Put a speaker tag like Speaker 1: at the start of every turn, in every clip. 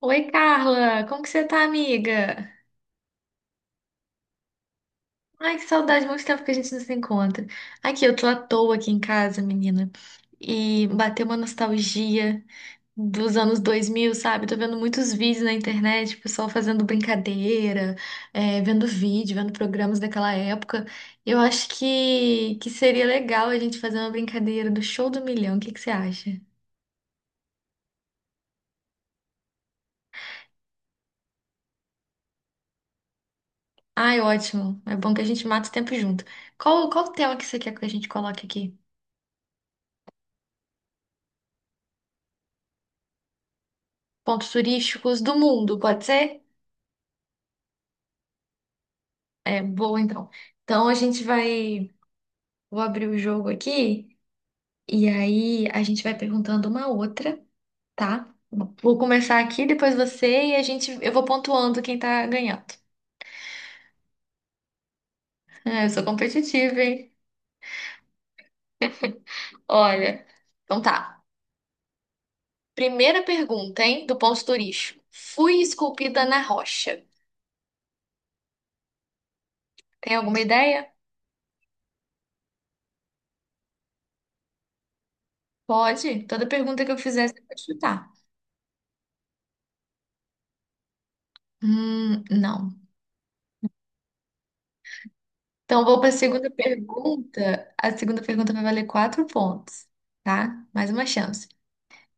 Speaker 1: Oi, Carla! Como que você tá, amiga? Ai, que saudade, muito tempo que a gente não se encontra. Aqui, eu tô à toa aqui em casa, menina, e bateu uma nostalgia dos anos 2000, sabe? Tô vendo muitos vídeos na internet, o pessoal fazendo brincadeira, vendo vídeo, vendo programas daquela época. Eu acho que seria legal a gente fazer uma brincadeira do Show do Milhão, o que que você acha? Ai, ótimo, é bom que a gente mata o tempo junto. Qual o tema que você quer que a gente coloque aqui? Pontos turísticos do mundo, pode ser? É, boa então. Então a gente vai. Vou abrir o jogo aqui e aí a gente vai perguntando uma outra, tá? Vou começar aqui, depois você e a gente. Eu vou pontuando quem tá ganhando. É, eu sou competitiva, hein? Olha. Então tá. Primeira pergunta, hein? Do ponto turístico. Fui esculpida na rocha. Tem alguma ideia? Pode. Toda pergunta que eu fizer, você pode chutar. Não. Então, vou para a segunda pergunta. A segunda pergunta vai valer quatro pontos, tá? Mais uma chance.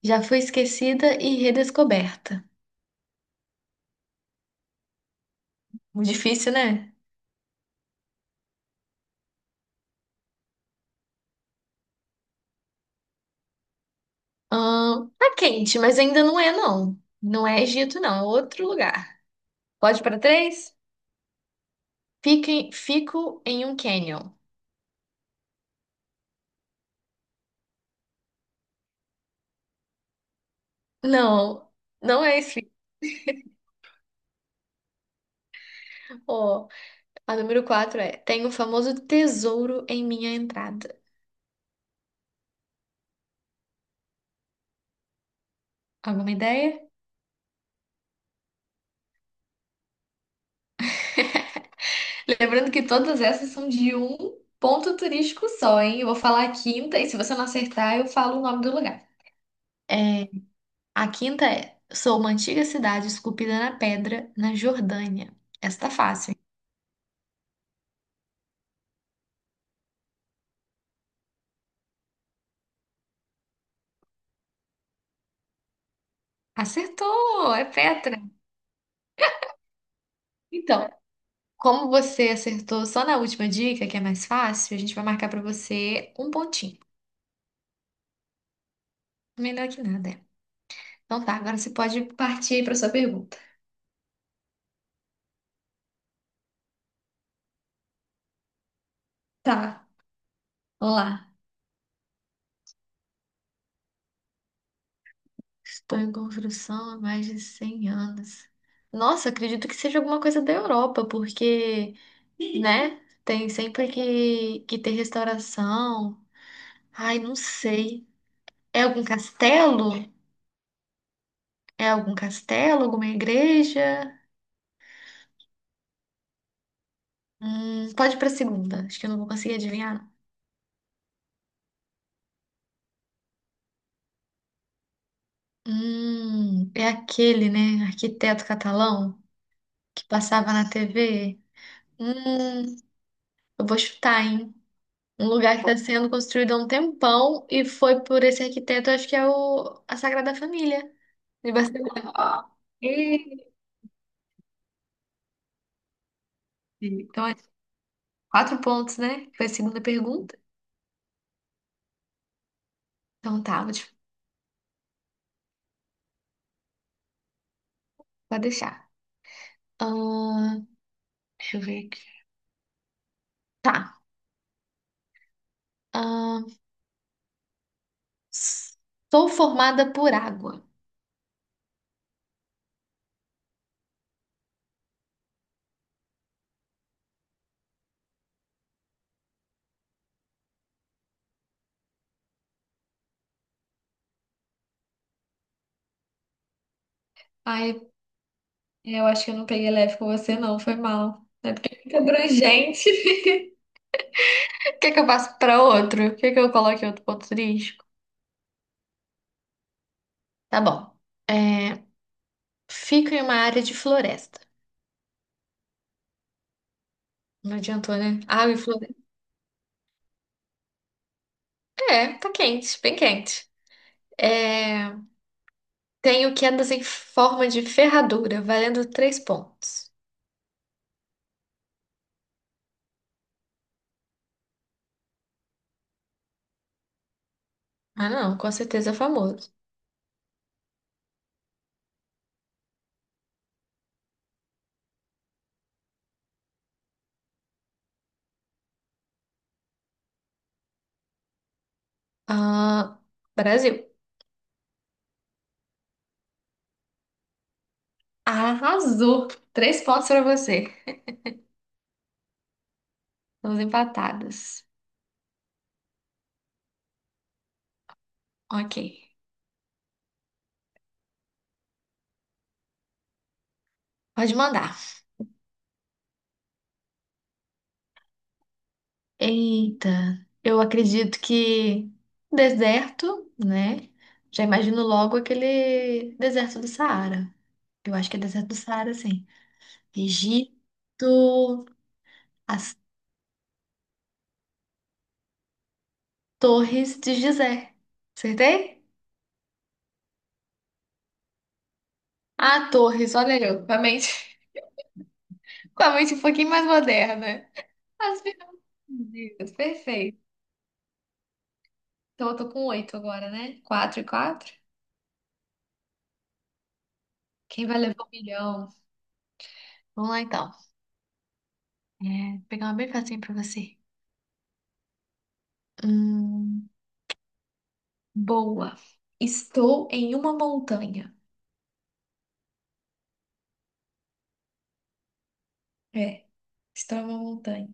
Speaker 1: Já fui esquecida e redescoberta. Muito difícil, né? Tá quente, mas ainda não é, não. Não é Egito, não. É outro lugar. Pode para três? Fico em um canyon. Não, não é esse. Ó, a número quatro é: Tenho o famoso tesouro em minha entrada. Alguma ideia? Lembrando que todas essas são de um ponto turístico só, hein? Eu vou falar a quinta e se você não acertar, eu falo o nome do lugar. É, a quinta é: Sou uma antiga cidade esculpida na pedra, na Jordânia. Essa tá fácil, hein? Acertou! É Petra. Então, como você acertou só na última dica, que é mais fácil, a gente vai marcar pra você um pontinho. Melhor que nada, é. Então tá, agora você pode partir aí pra sua pergunta. Tá, vamos lá. Estou em construção há mais de 100 anos. Nossa, acredito que seja alguma coisa da Europa, porque, né, tem sempre que ter restauração. Ai, não sei. É algum castelo? É algum castelo? Alguma igreja? Pode ir pra segunda. Acho que eu não vou conseguir adivinhar. É aquele, né, arquiteto catalão que passava na TV? Hum, eu vou chutar, hein? Um lugar que está sendo construído há um tempão e foi por esse arquiteto, acho que a Sagrada Família de Barcelona. E- Então, é quatro pontos, né? Foi a segunda pergunta. Então tá, vou te- Pode deixar. Ahn, deixa eu ver aqui. Tá. Ahn, sou formada por água. Ai, eu acho que eu não peguei leve com você, não. Foi mal. É porque fica abrangente. Quer que eu passe para outro? Quer que eu coloque outro ponto turístico? Tá bom. É, fica em uma área de floresta. Não adiantou, né? Água e floresta. É, tá quente, bem quente. É, tenho quedas em forma de ferradura, valendo três pontos. Ah, não, com certeza é famoso. Ah, Brasil. Arrasou! Três pontos pra você. Estamos empatadas. Ok. Pode mandar. Eita, eu acredito que deserto, né? Já imagino logo aquele deserto do Saara. Eu acho que é deserto do Saara, sim. Egito, as Torres de Gizé. Acertei? Ah, Torres, olha eu, com a mente, com a mente um pouquinho mais moderna. As pirâmides, perfeito. Então eu tô com oito agora, né? Quatro e quatro. Quem vai levar um milhão? Vamos lá então. É, vou pegar uma bem facinho pra você. Hum, boa. Estou em uma montanha. É, estou em uma montanha.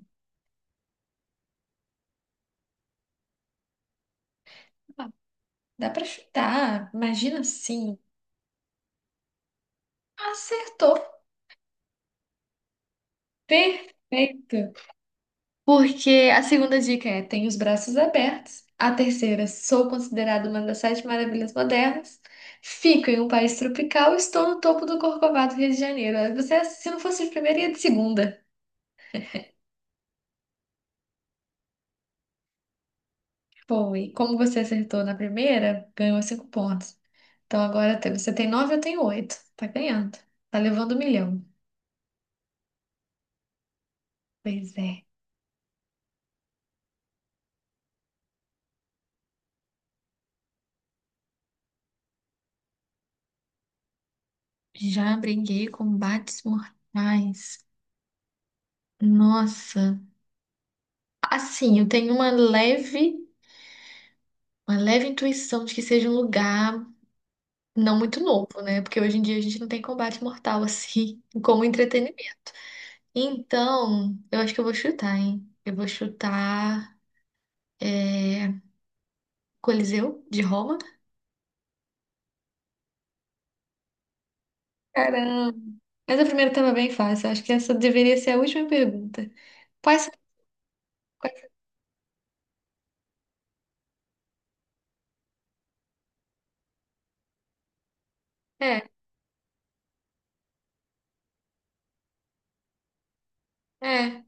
Speaker 1: Ah, dá pra chutar. Imagina assim. Acertou. Perfeito. Porque a segunda dica é: tenho os braços abertos. A terceira, sou considerada uma das sete maravilhas modernas. Fico em um país tropical. Estou no topo do Corcovado, Rio de Janeiro. Você, se não fosse de primeira, ia de segunda. Bom, e como você acertou na primeira, ganhou cinco pontos. Então você tem nove, eu tenho oito. Tá ganhando. Tá levando um milhão. Pois é. Já briguei com combates mortais. Nossa. Assim, eu tenho uma leve intuição de que seja um lugar não muito novo, né? Porque hoje em dia a gente não tem combate mortal assim como entretenimento. Então, eu acho que eu vou chutar, hein? Eu vou chutar é, Coliseu de Roma. Caramba! Mas a primeira estava bem fácil. Acho que essa deveria ser a última pergunta. Quais quais- É, é,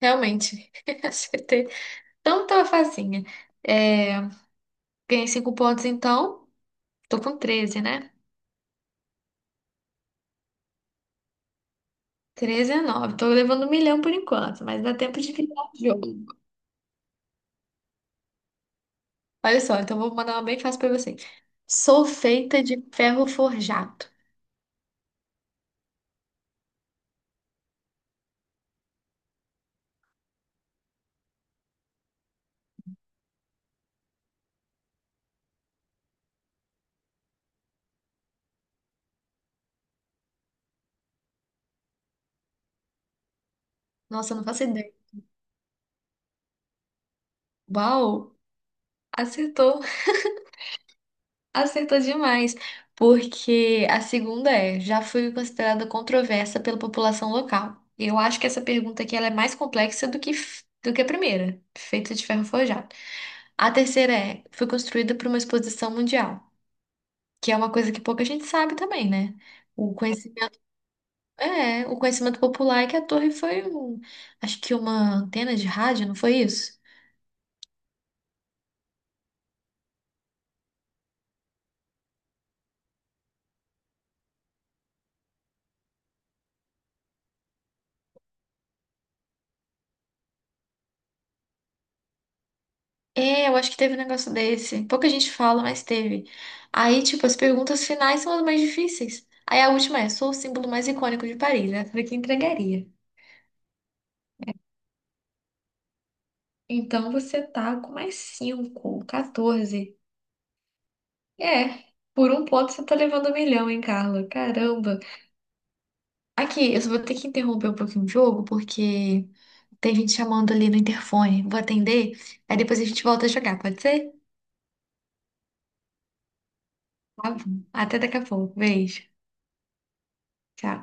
Speaker 1: realmente. Acertei. Então, tava facinha. É, ganhei cinco pontos, então. Tô com 13 né? 13 a 9. Tô levando um milhão por enquanto, mas dá tempo de virar o jogo. Olha só, então vou mandar uma bem fácil pra você. Sou feita de ferro forjado. Nossa, eu não faço ideia. Uau! Acertou! Acertou demais! Porque a segunda é: já fui considerada controversa pela população local. Eu acho que essa pergunta aqui ela é mais complexa do do que a primeira, feita de ferro forjado. A terceira é: fui construída para uma exposição mundial, que é uma coisa que pouca gente sabe também, né? O conhecimento É, o conhecimento popular é que a torre foi um, acho que uma antena de rádio, não foi isso? É, eu acho que teve um negócio desse. Pouca gente fala, mas teve. Aí, tipo, as perguntas finais são as mais difíceis. Aí a última é, sou o símbolo mais icônico de Paris, né? Falei que entregaria. Então você tá com mais 5, 14. É, por um ponto você tá levando um milhão, hein, Carla? Caramba. Aqui, eu só vou ter que interromper um pouquinho o jogo, porque tem gente chamando ali no interfone. Vou atender, aí depois a gente volta a jogar, pode ser? Tá bom. Até daqui a pouco. Beijo. Tchau.